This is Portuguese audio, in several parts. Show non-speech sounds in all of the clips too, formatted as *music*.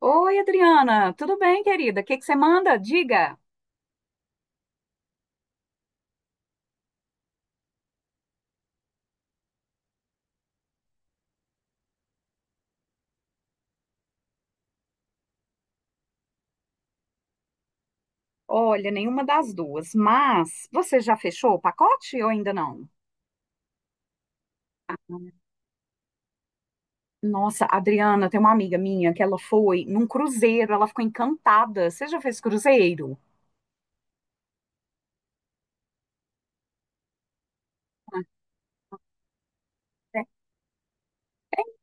Oi, Adriana, tudo bem, querida? O que que você manda? Diga. Olha, nenhuma das duas, mas você já fechou o pacote ou ainda não? Nossa, Adriana, tem uma amiga minha que ela foi num cruzeiro, ela ficou encantada. Você já fez cruzeiro? É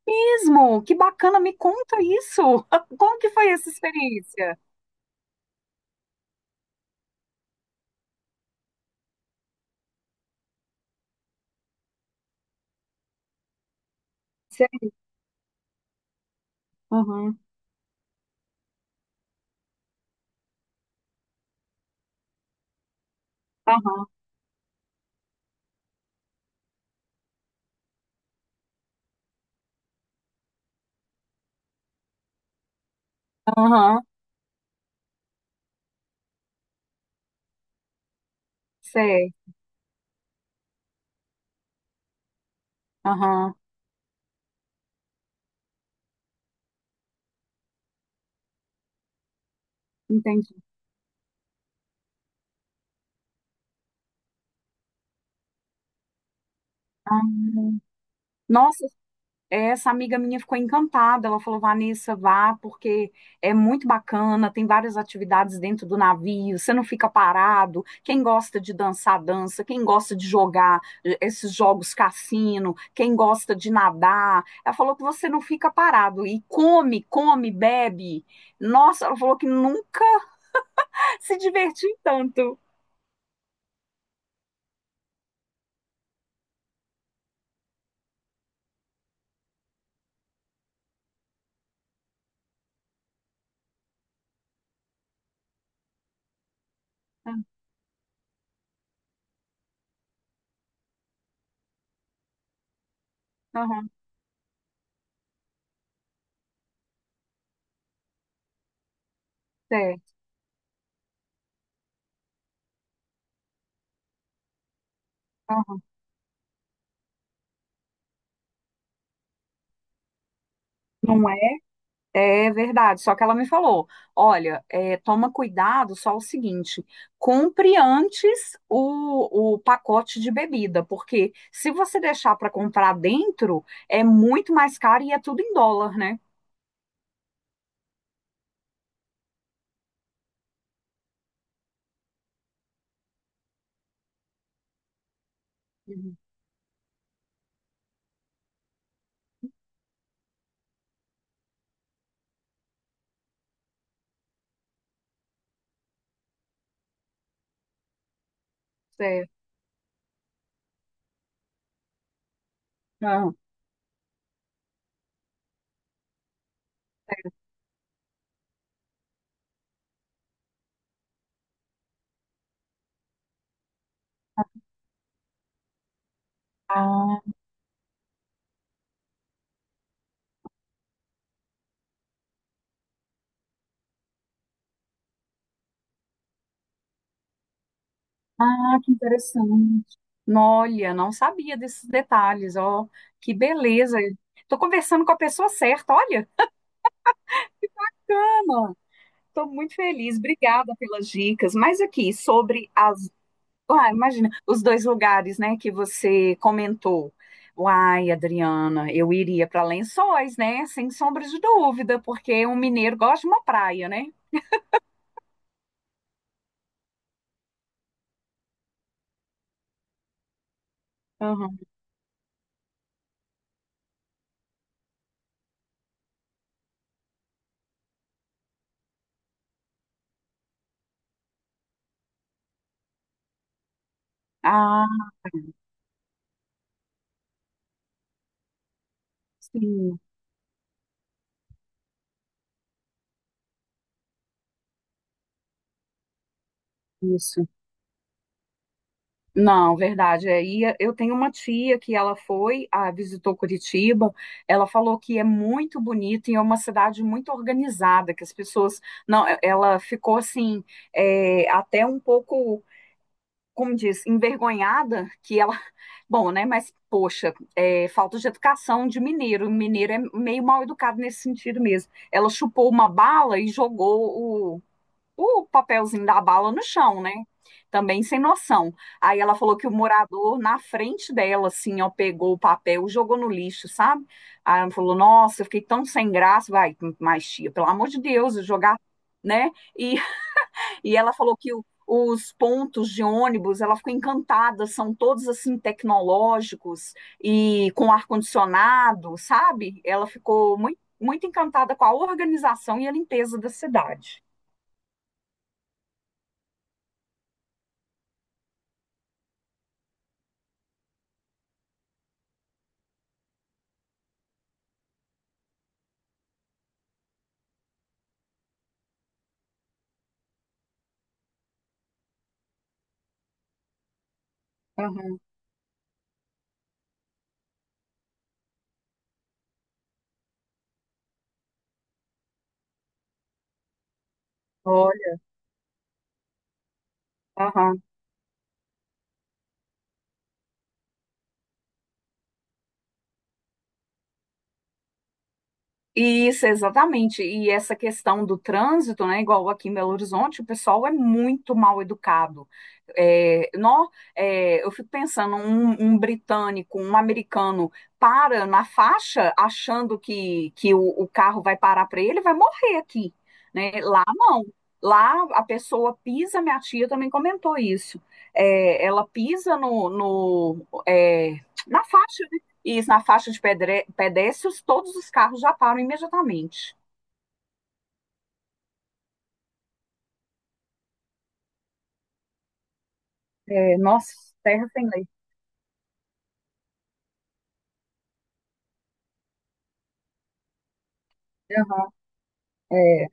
mesmo? Que bacana, me conta isso. *laughs* Como que foi essa experiência? Sei. Aham, aham, aham, sei. Aham, entendi. Ah, nossa, essa amiga minha ficou encantada. Ela falou: Vanessa, vá, porque é muito bacana, tem várias atividades dentro do navio, você não fica parado. Quem gosta de dançar, dança. Quem gosta de jogar esses jogos cassino, quem gosta de nadar. Ela falou que você não fica parado e come, come, bebe. Nossa, ela falou que nunca *laughs* se divertiu tanto. Ah, aham, é, aham, não é. É verdade, só que ela me falou: olha, é, toma cuidado só o seguinte, compre antes o pacote de bebida, porque se você deixar para comprar dentro, é muito mais caro e é tudo em dólar, né? Uhum. É. Ah, certo. Ah, ah, que interessante. Nó, olha, não sabia desses detalhes, ó, que beleza. Tô conversando com a pessoa certa, olha, cama. Tô muito feliz, obrigada pelas dicas. Mas aqui, sobre as... Ah, imagina, os dois lugares, né, que você comentou. Uai, Adriana, eu iria para Lençóis, né? Sem sombra de dúvida, porque um mineiro gosta de uma praia, né? Aham. Ah, sim, isso. Não, verdade. É, e eu tenho uma tia que ela foi, ah, visitou Curitiba. Ela falou que é muito bonito e é uma cidade muito organizada, que as pessoas... Não, ela ficou assim, é, até um pouco, como diz, envergonhada, que ela... *laughs* Bom, né? Mas, poxa, é, falta de educação de mineiro. O mineiro é meio mal educado nesse sentido mesmo. Ela chupou uma bala e jogou o papelzinho da bala no chão, né? Também sem noção. Aí ela falou que o morador, na frente dela, assim, ó, pegou o papel, jogou no lixo, sabe? Aí ela falou: Nossa, eu fiquei tão sem graça. Vai, mas tia, pelo amor de Deus, eu jogar, né? E e ela falou que o- os pontos de ônibus, ela ficou encantada, são todos assim tecnológicos e com ar-condicionado, sabe? Ela ficou muito, muito encantada com a organização e a limpeza da cidade. Aham. Olha, aham. Isso, exatamente. E essa questão do trânsito, né? Igual aqui em Belo Horizonte, o pessoal é muito mal educado. É, eu fico pensando, um britânico, um americano para na faixa achando que o carro vai parar para ele, vai morrer aqui, né? Lá não. Lá a pessoa pisa, minha tia também comentou isso. É, ela pisa no, no, é, na faixa, isso, na faixa de pedestres, todos os carros já param imediatamente. É, nossa, terra sem lei. Aham. É,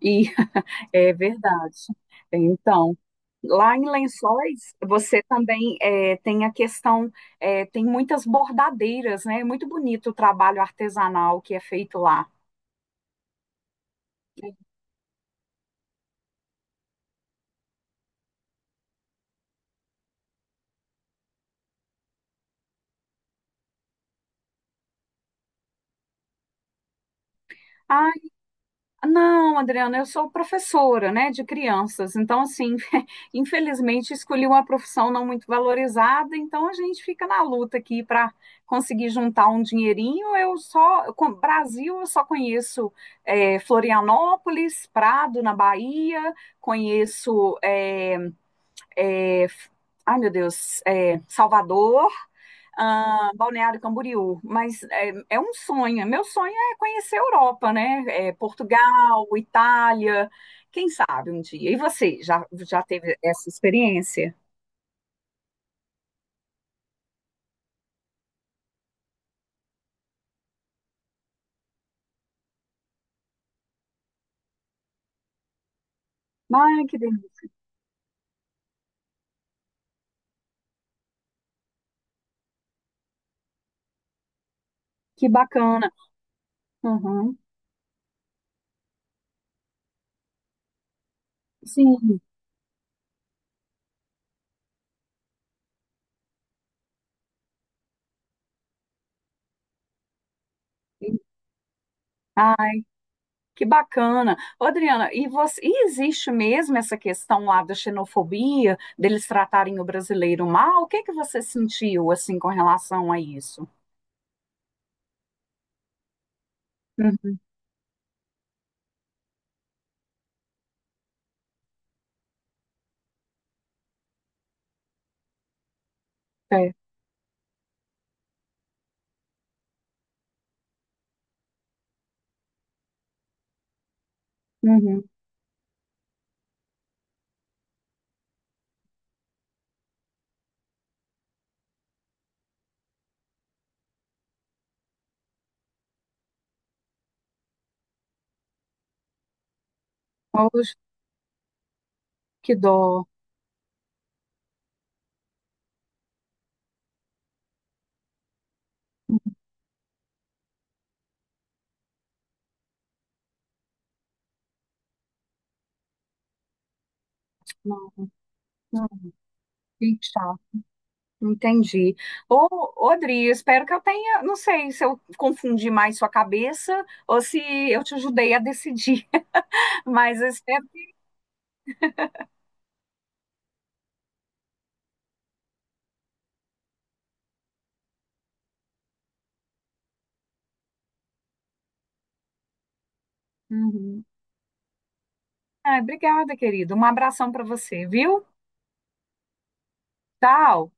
e *laughs* é verdade. Então, lá em Lençóis, você também é, tem a questão, tem muitas bordadeiras, né? É muito bonito o trabalho artesanal que é feito lá. Ah, não, Adriana, eu sou professora, né, de crianças. Então, assim, *laughs* infelizmente escolhi uma profissão não muito valorizada, então a gente fica na luta aqui para conseguir juntar um dinheirinho. Eu só, Brasil, eu só conheço Florianópolis, Prado, na Bahia, conheço é, ai meu Deus, Salvador, ah, Balneário Camboriú, mas é, é um sonho. Meu sonho é conhecer a Europa, né? É, Portugal, Itália, quem sabe um dia. E você já, já teve essa experiência? Ai, que bacana. Uhum. Sim. Ah, que bacana. Ô, Adriana, e, você, e existe mesmo essa questão lá da xenofobia, deles tratarem o brasileiro mal? O que que você sentiu, assim, com relação a isso? Uhum, é. Uhum. Poxa, que dó. Não, não, que chato. Entendi. Ô, ô, Adri, eu espero que eu tenha, não sei se eu confundi mais sua cabeça ou se eu te ajudei a decidir, *laughs* mas eu espero. Uhum. Ah, obrigada, querido. Um abração para você, viu? Tchau.